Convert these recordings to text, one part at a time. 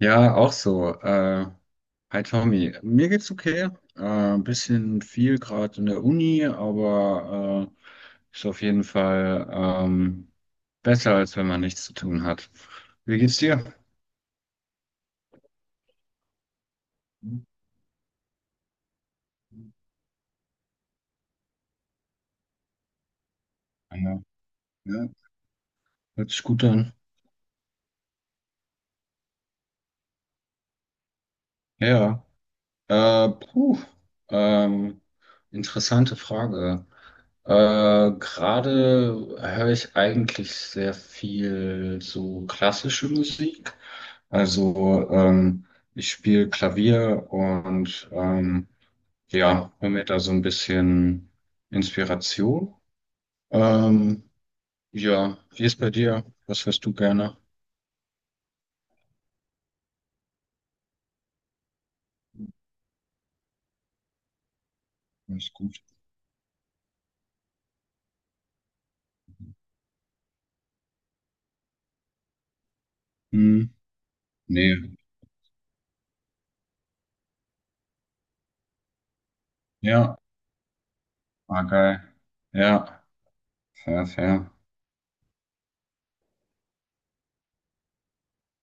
Ja, auch so. Hi Tommy, mir geht's okay. Ein bisschen viel gerade in der Uni, aber ist auf jeden Fall besser, als wenn man nichts zu tun hat. Wie geht's dir? Ja, ja, hört sich gut an. Ja. Puh, ähm, interessante Frage. Gerade höre ich eigentlich sehr viel so klassische Musik. Also ich spiele Klavier und ja, hole mir da so ein bisschen Inspiration. Ähm, ja, wie ist bei dir? Was hörst du gerne? Alles gut. Hm, nee. Ja, ah, geil. Ja, fair, fair.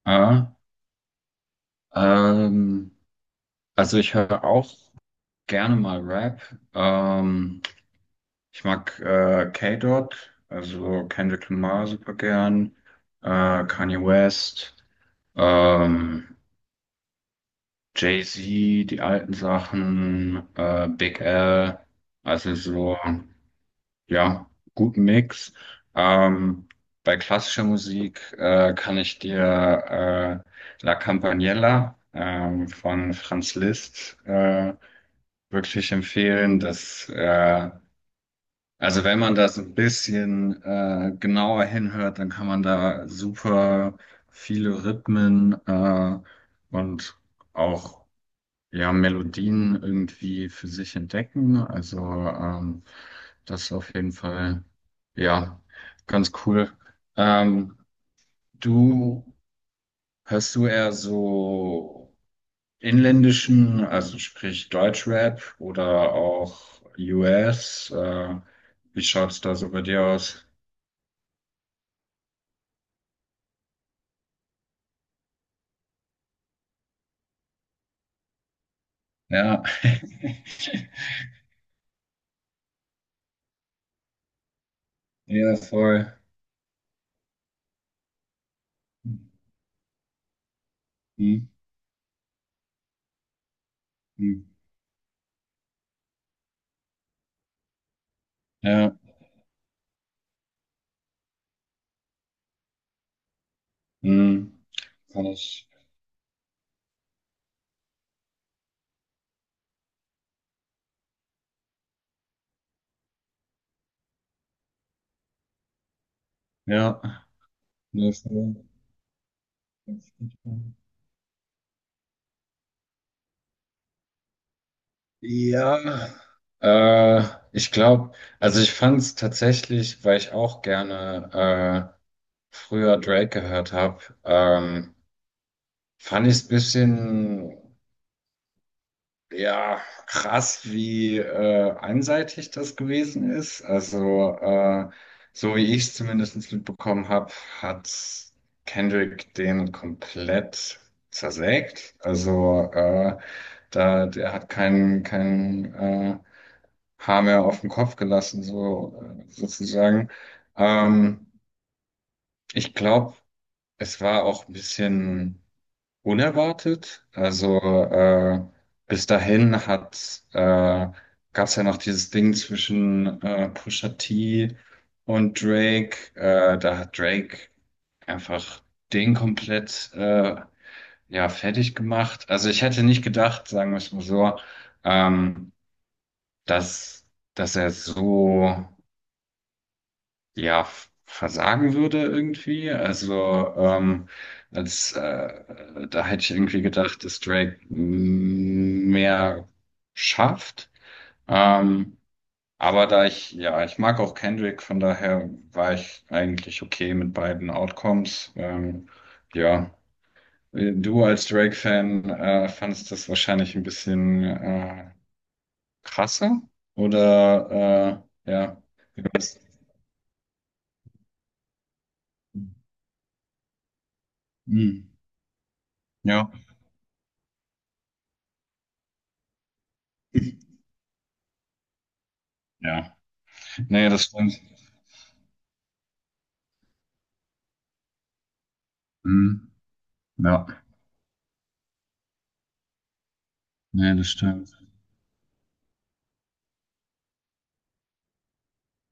Ah. Ähm, also ich höre auch gerne mal Rap. Ähm, Ich mag K-Dot, also Kendrick Lamar super gern, Kanye West, ähm, Jay-Z, die alten Sachen, Big L, also so, ja, guten Mix. Ähm, Bei klassischer Musik kann ich dir La Campaniella von Franz Liszt wirklich empfehlen, dass, also wenn man das ein bisschen genauer hinhört, dann kann man da super viele Rhythmen und auch ja Melodien irgendwie für sich entdecken. Also ähm, das ist auf jeden Fall ja ganz cool. Ähm, Du, hörst du eher so inländischen, also sprich Deutschrap oder auch US? Wie schaut's da so bei dir aus? Ja, ja, voll. Hm, hm. Ja, hm. Kann ich. Ja, nee, voll. Ja, äh, ich glaube, also ich fand es tatsächlich, weil ich auch gerne früher Drake gehört habe, fand ich es ein bisschen, ja, krass, wie einseitig das gewesen ist. Also, so wie ich es zumindest mitbekommen habe, hat Kendrick den komplett zersägt. Also, da, der hat kein Haar mehr auf den Kopf gelassen, so sozusagen. Ähm, Ich glaube, es war auch ein bisschen unerwartet. Also bis dahin hat gab es ja noch dieses Ding zwischen Pusha T und Drake. Da hat Drake einfach den komplett ja fertig gemacht. Also ich hätte nicht gedacht, sagen wir es mal so, ähm, dass dass er so, ja, versagen würde irgendwie. Also als da hätte ich irgendwie gedacht, dass Drake mehr schafft. Ähm, aber da ich, ja, ich mag auch Kendrick, von daher war ich eigentlich okay mit beiden Outcomes. Ja, du als Drake-Fan fandest das wahrscheinlich ein bisschen krasser oder ja, wie war's? Hm, ja. Ja. Nee, das stimmt. Mhm. Ja, nee, das stimmt.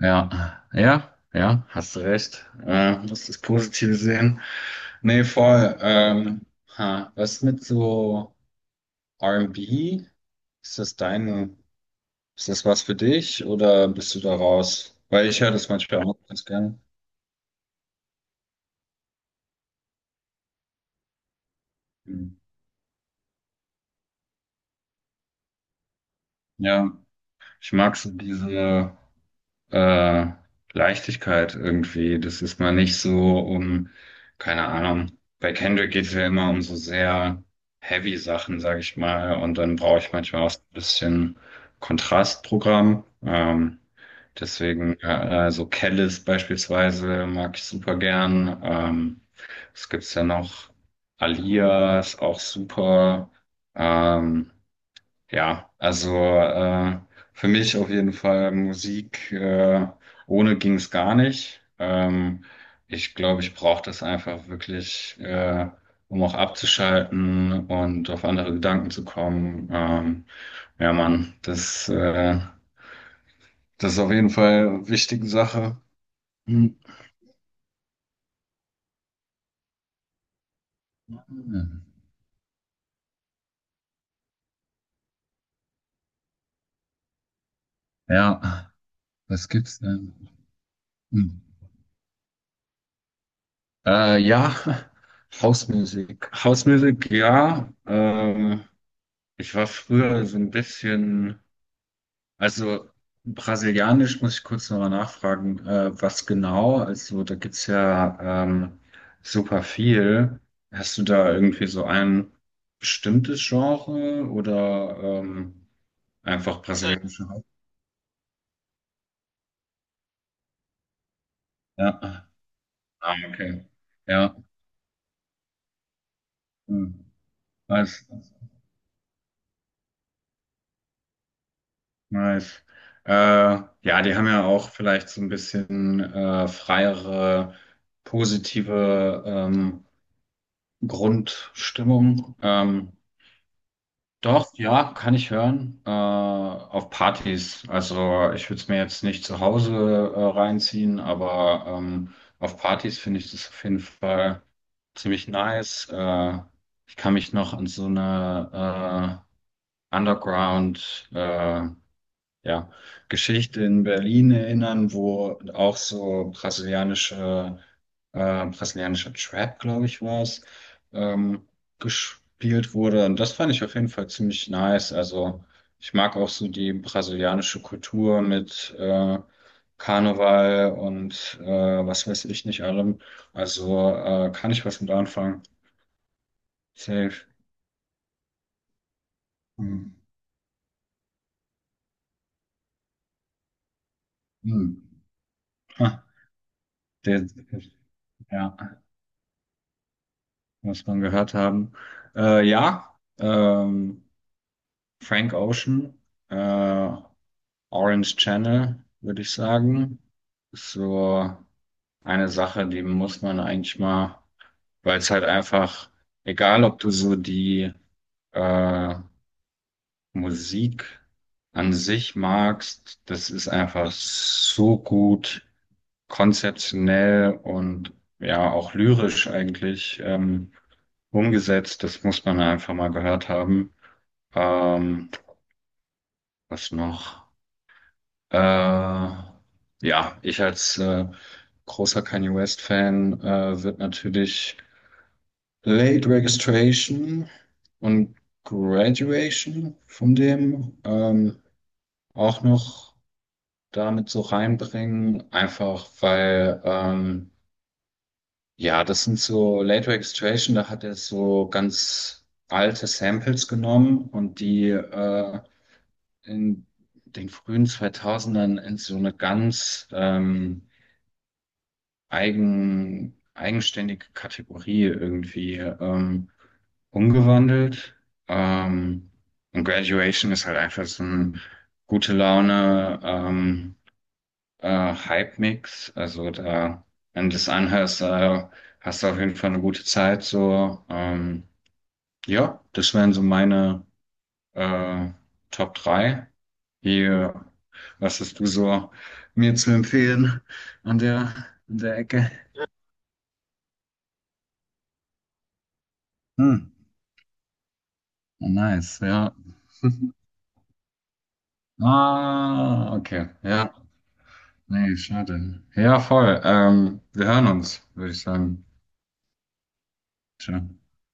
Ja, ja, ja, hast du recht. Musst das Positive sehen. Nee, voll. Was mit so R&B? Ist das deine, ist das was für dich oder bist du da raus? Weil ich höre das manchmal auch ganz gerne. Mhm. Ja, ich mag so diese. äh, Leichtigkeit irgendwie. Das ist mal nicht so um, keine Ahnung. Bei Kendrick geht es ja immer um so sehr heavy Sachen, sag ich mal. Und dann brauche ich manchmal auch so ein bisschen Kontrastprogramm. Deswegen, so Kellis beispielsweise mag ich super gern. Was gibt's denn noch? Alia ist auch super. Ähm, ja, also für mich auf jeden Fall Musik ohne ging es gar nicht. Ich glaube, ich brauche das einfach wirklich, um auch abzuschalten und auf andere Gedanken zu kommen. Ja, Mann, das ist auf jeden Fall eine wichtige Sache. Hm. Ja, was gibt's denn? Hm. Ja, Hausmusik. Hausmusik, ja. Ich war früher so ein bisschen, also brasilianisch muss ich kurz nochmal nachfragen, was genau? Also da gibt's ja super viel. Hast du da irgendwie so ein bestimmtes Genre oder einfach brasilianische Haupt? Ja. Ah, okay. Ja. Hm. Nice. Nice. Ja, die haben ja auch vielleicht so ein bisschen freiere, positive Grundstimmung. Doch, ja, kann ich hören. Auf Partys. Also ich würde es mir jetzt nicht zu Hause reinziehen, aber auf Partys finde ich das auf jeden Fall ziemlich nice. Ich kann mich noch an so eine Underground ja, Geschichte in Berlin erinnern, wo auch so brasilianischer Trap, glaube ich, war es, ähm, gespielt wurde. Und das fand ich auf jeden Fall ziemlich nice. Also ich mag auch so die brasilianische Kultur mit Karneval und was weiß ich nicht allem. Also kann ich was mit anfangen. Safe. Hm. Hm. Ha, der, ja. Muss man gehört haben. Ja, Frank Ocean, äh, Orange Channel, würde ich sagen. Ist so eine Sache, die muss man eigentlich mal, weil es halt einfach, egal ob du so die äh, Musik an sich magst, das ist einfach so gut. Konzeptionell und ja auch lyrisch eigentlich umgesetzt. Das muss man ja einfach mal gehört haben. Ähm, Was noch? Ja, ich als großer Kanye West-Fan wird natürlich Late Registration und Graduation von dem auch noch damit so reinbringen, einfach weil ja, das sind so Late Registration, da hat er so ganz alte Samples genommen und die in den frühen 2000ern in so eine ganz eigenständige Kategorie irgendwie umgewandelt. Ähm, und Graduation ist halt einfach so ein gute Laune, Hype-Mix. Also da, wenn du das anhörst, hast du auf jeden Fall eine gute Zeit. So, ja, das wären so meine äh, Top 3. Hier, was hast du so mir zu empfehlen an der, an der Ecke? Hm, nice, ja. Ah, okay, ja. Nee, schade. Ja, voll. Wir hören uns, würde ich sagen. Ciao.